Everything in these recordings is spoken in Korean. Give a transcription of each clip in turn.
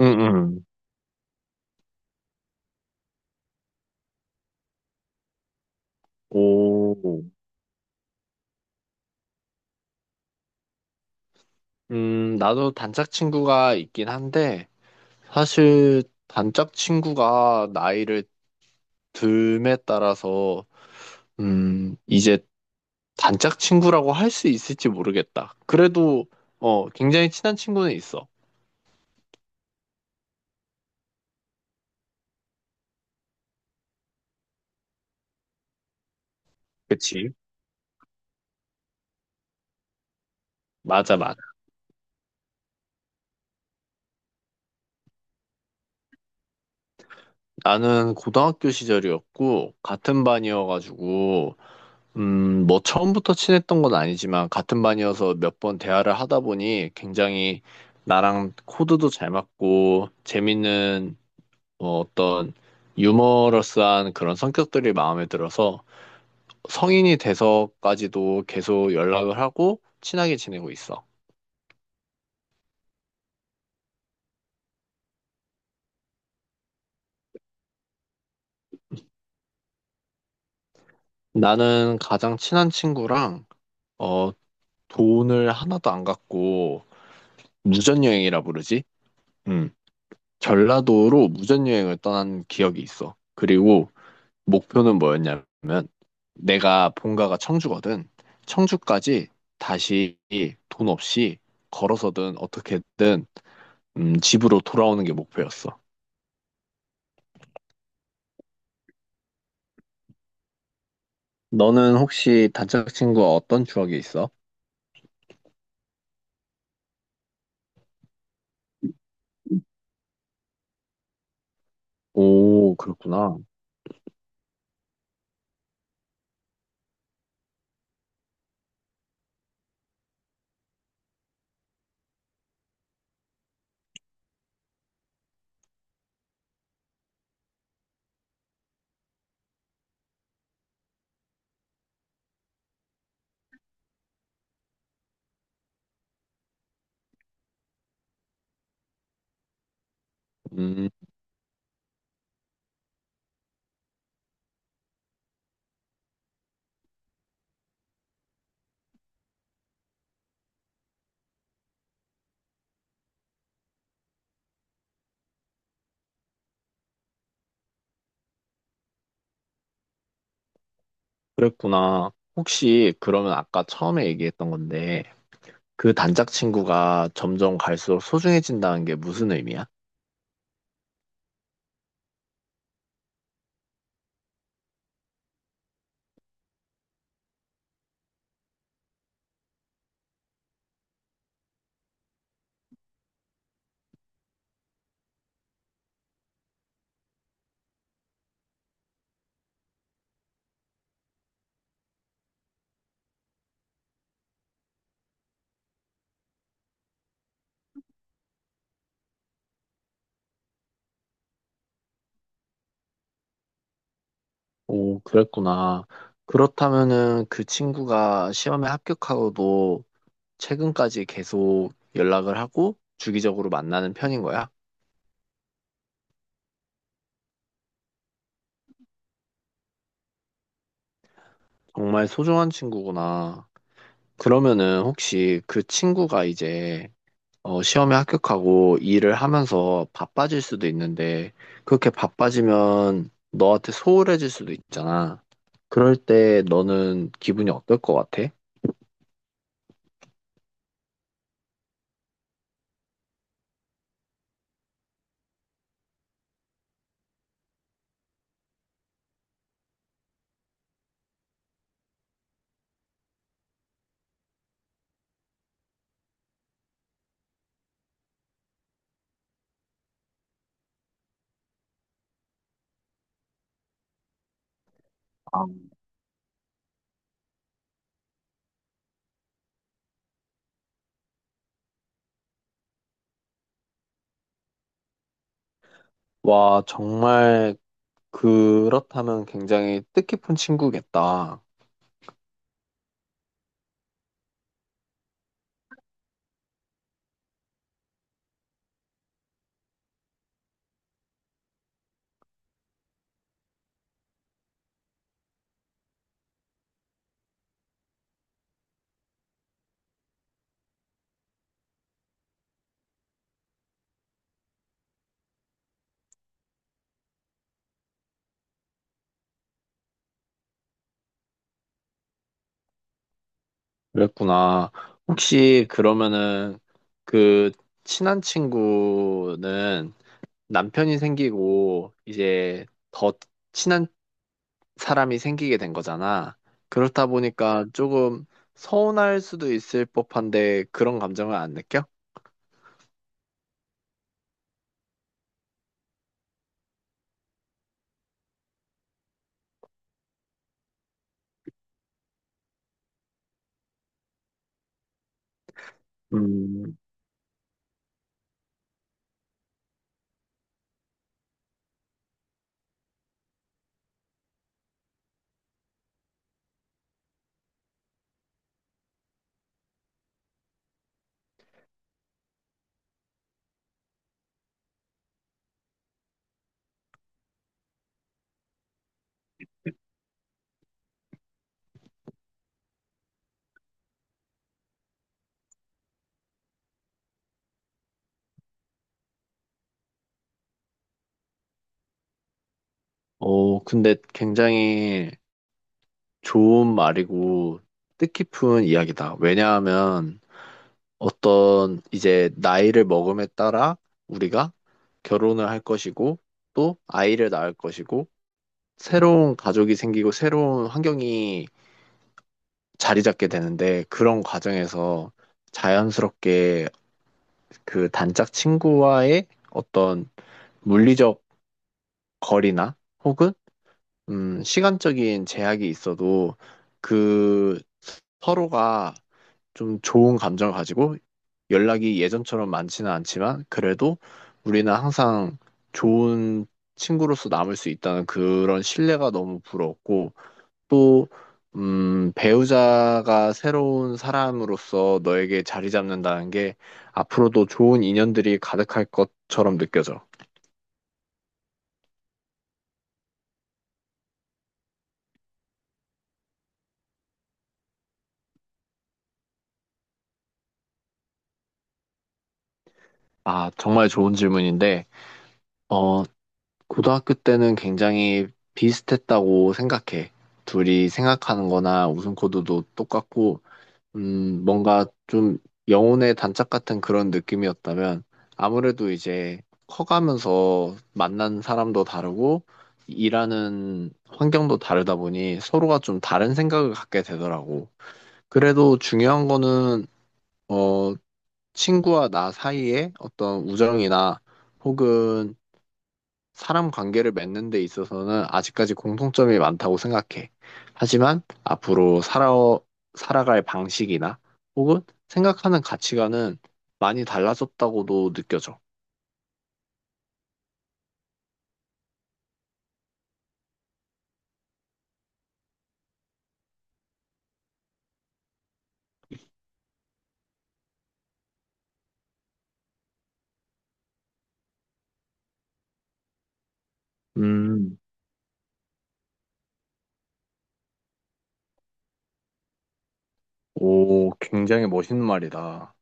응, 응. 오. 나도 단짝 친구가 있긴 한데, 사실 단짝 친구가 나이를 듦에 따라서, 이제 단짝 친구라고 할 수 있을지 모르겠다. 그래도, 굉장히 친한 친구는 있어. 그치? 맞아, 맞아. 나는 고등학교 시절이었고, 같은 반이어가지고, 뭐 처음부터 친했던 건 아니지만 같은 반이어서 몇 번 대화를 하다 보니 굉장히 나랑 코드도 잘 맞고 재밌는 어, 어떤 유머러스한 그런 성격들이 마음에 들어서 성인이 돼서까지도 계속 연락을 하고 친하게 지내고 있어. 나는 가장 친한 친구랑 어, 돈을 하나도 안 갖고 무전여행이라 부르지? 음, 전라도로 무전여행을 떠난 기억이 있어. 그리고 목표는 뭐였냐면 내가 본가가 청주거든. 청주까지 다시 돈 없이 걸어서든 어떻게든 집으로 돌아오는 게 목표였어. 너는 혹시 단짝 친구와 어떤 추억이 있어? 오, 그렇구나. 음, 그랬구나. 혹시 그러면 아까 처음에 얘기했던 건데 그 단짝 친구가 점점 갈수록 소중해진다는 게 무슨 의미야? 오, 그랬구나. 그렇다면은 그 친구가 시험에 합격하고도 최근까지 계속 연락을 하고 주기적으로 만나는 편인 거야? 정말 소중한 친구구나. 그러면은 혹시 그 친구가 시험에 합격하고 일을 하면서 바빠질 수도 있는데 그렇게 바빠지면 너한테 소홀해질 수도 있잖아. 그럴 때 너는 기분이 어떨 것 같아? 와, 정말 그렇다면 굉장히 뜻깊은 친구겠다. 그랬구나. 혹시 그러면은 그 친한 친구는 남편이 생기고 이제 더 친한 사람이 생기게 된 거잖아. 그렇다 보니까 조금 서운할 수도 있을 법한데 그런 감정을 안 느껴? 음, 근데 굉장히 좋은 말이고 뜻깊은 이야기다. 왜냐하면 어떤 이제 나이를 먹음에 따라 우리가 결혼을 할 것이고 또 아이를 낳을 것이고 새로운 가족이 생기고 새로운 환경이 자리 잡게 되는데 그런 과정에서 자연스럽게 그 단짝 친구와의 어떤 물리적 거리나 혹은 시간적인 제약이 있어도 그 서로가 좀 좋은 감정을 가지고 연락이 예전처럼 많지는 않지만 그래도 우리는 항상 좋은 친구로서 남을 수 있다는 그런 신뢰가 너무 부러웠고 또 배우자가 새로운 사람으로서 너에게 자리 잡는다는 게 앞으로도 좋은 인연들이 가득할 것처럼 느껴져. 아, 정말 좋은 질문인데, 어, 고등학교 때는 굉장히 비슷했다고 생각해. 둘이 생각하는 거나 웃음 코드도 똑같고, 뭔가 좀 영혼의 단짝 같은 그런 느낌이었다면 아무래도 이제 커가면서 만난 사람도 다르고 일하는 환경도 다르다 보니 서로가 좀 다른 생각을 갖게 되더라고. 그래도 중요한 거는 어, 친구와 나 사이에 어떤 우정이나 혹은 사람 관계를 맺는 데 있어서는 아직까지 공통점이 많다고 생각해. 하지만 앞으로 살아갈 방식이나 혹은 생각하는 가치관은 많이 달라졌다고도 느껴져. 음, 오, 굉장히 멋있는 말이다.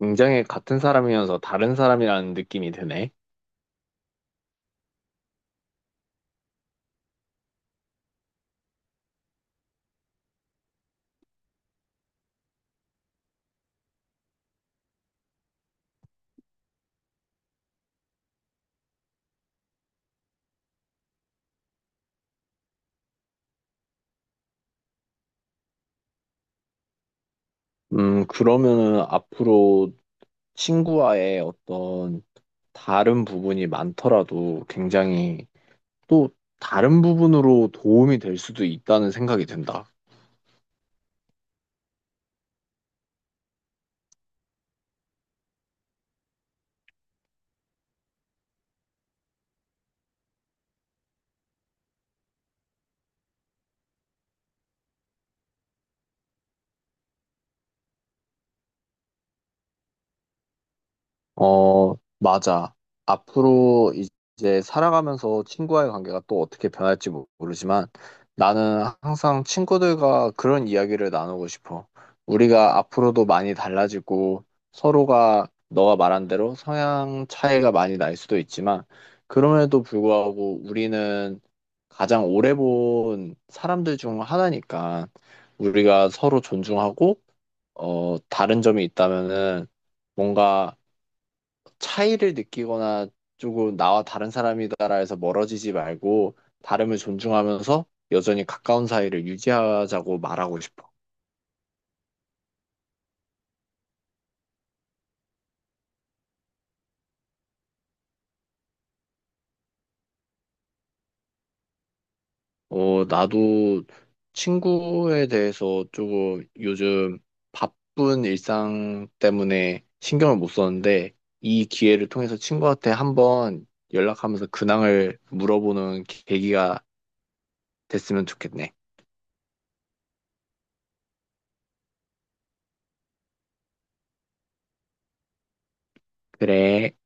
굉장히 같은 사람이면서 다른 사람이라는 느낌이 드네. 그러면은 앞으로 친구와의 어떤 다른 부분이 많더라도 굉장히 또 다른 부분으로 도움이 될 수도 있다는 생각이 든다. 어, 맞아. 앞으로 이제 살아가면서 친구와의 관계가 또 어떻게 변할지 모르지만 나는 항상 친구들과 그런 이야기를 나누고 싶어. 우리가 앞으로도 많이 달라지고 서로가 너가 말한 대로 성향 차이가 많이 날 수도 있지만 그럼에도 불구하고 우리는 가장 오래 본 사람들 중 하나니까 우리가 서로 존중하고 다른 점이 있다면은 뭔가 차이를 느끼거나 조금 나와 다른 사람이다라 해서 멀어지지 말고 다름을 존중하면서 여전히 가까운 사이를 유지하자고 말하고 싶어. 어, 나도 친구에 대해서 조금 요즘 바쁜 일상 때문에 신경을 못 썼는데 이 기회를 통해서 친구한테 한번 연락하면서 근황을 물어보는 계기가 됐으면 좋겠네. 그래.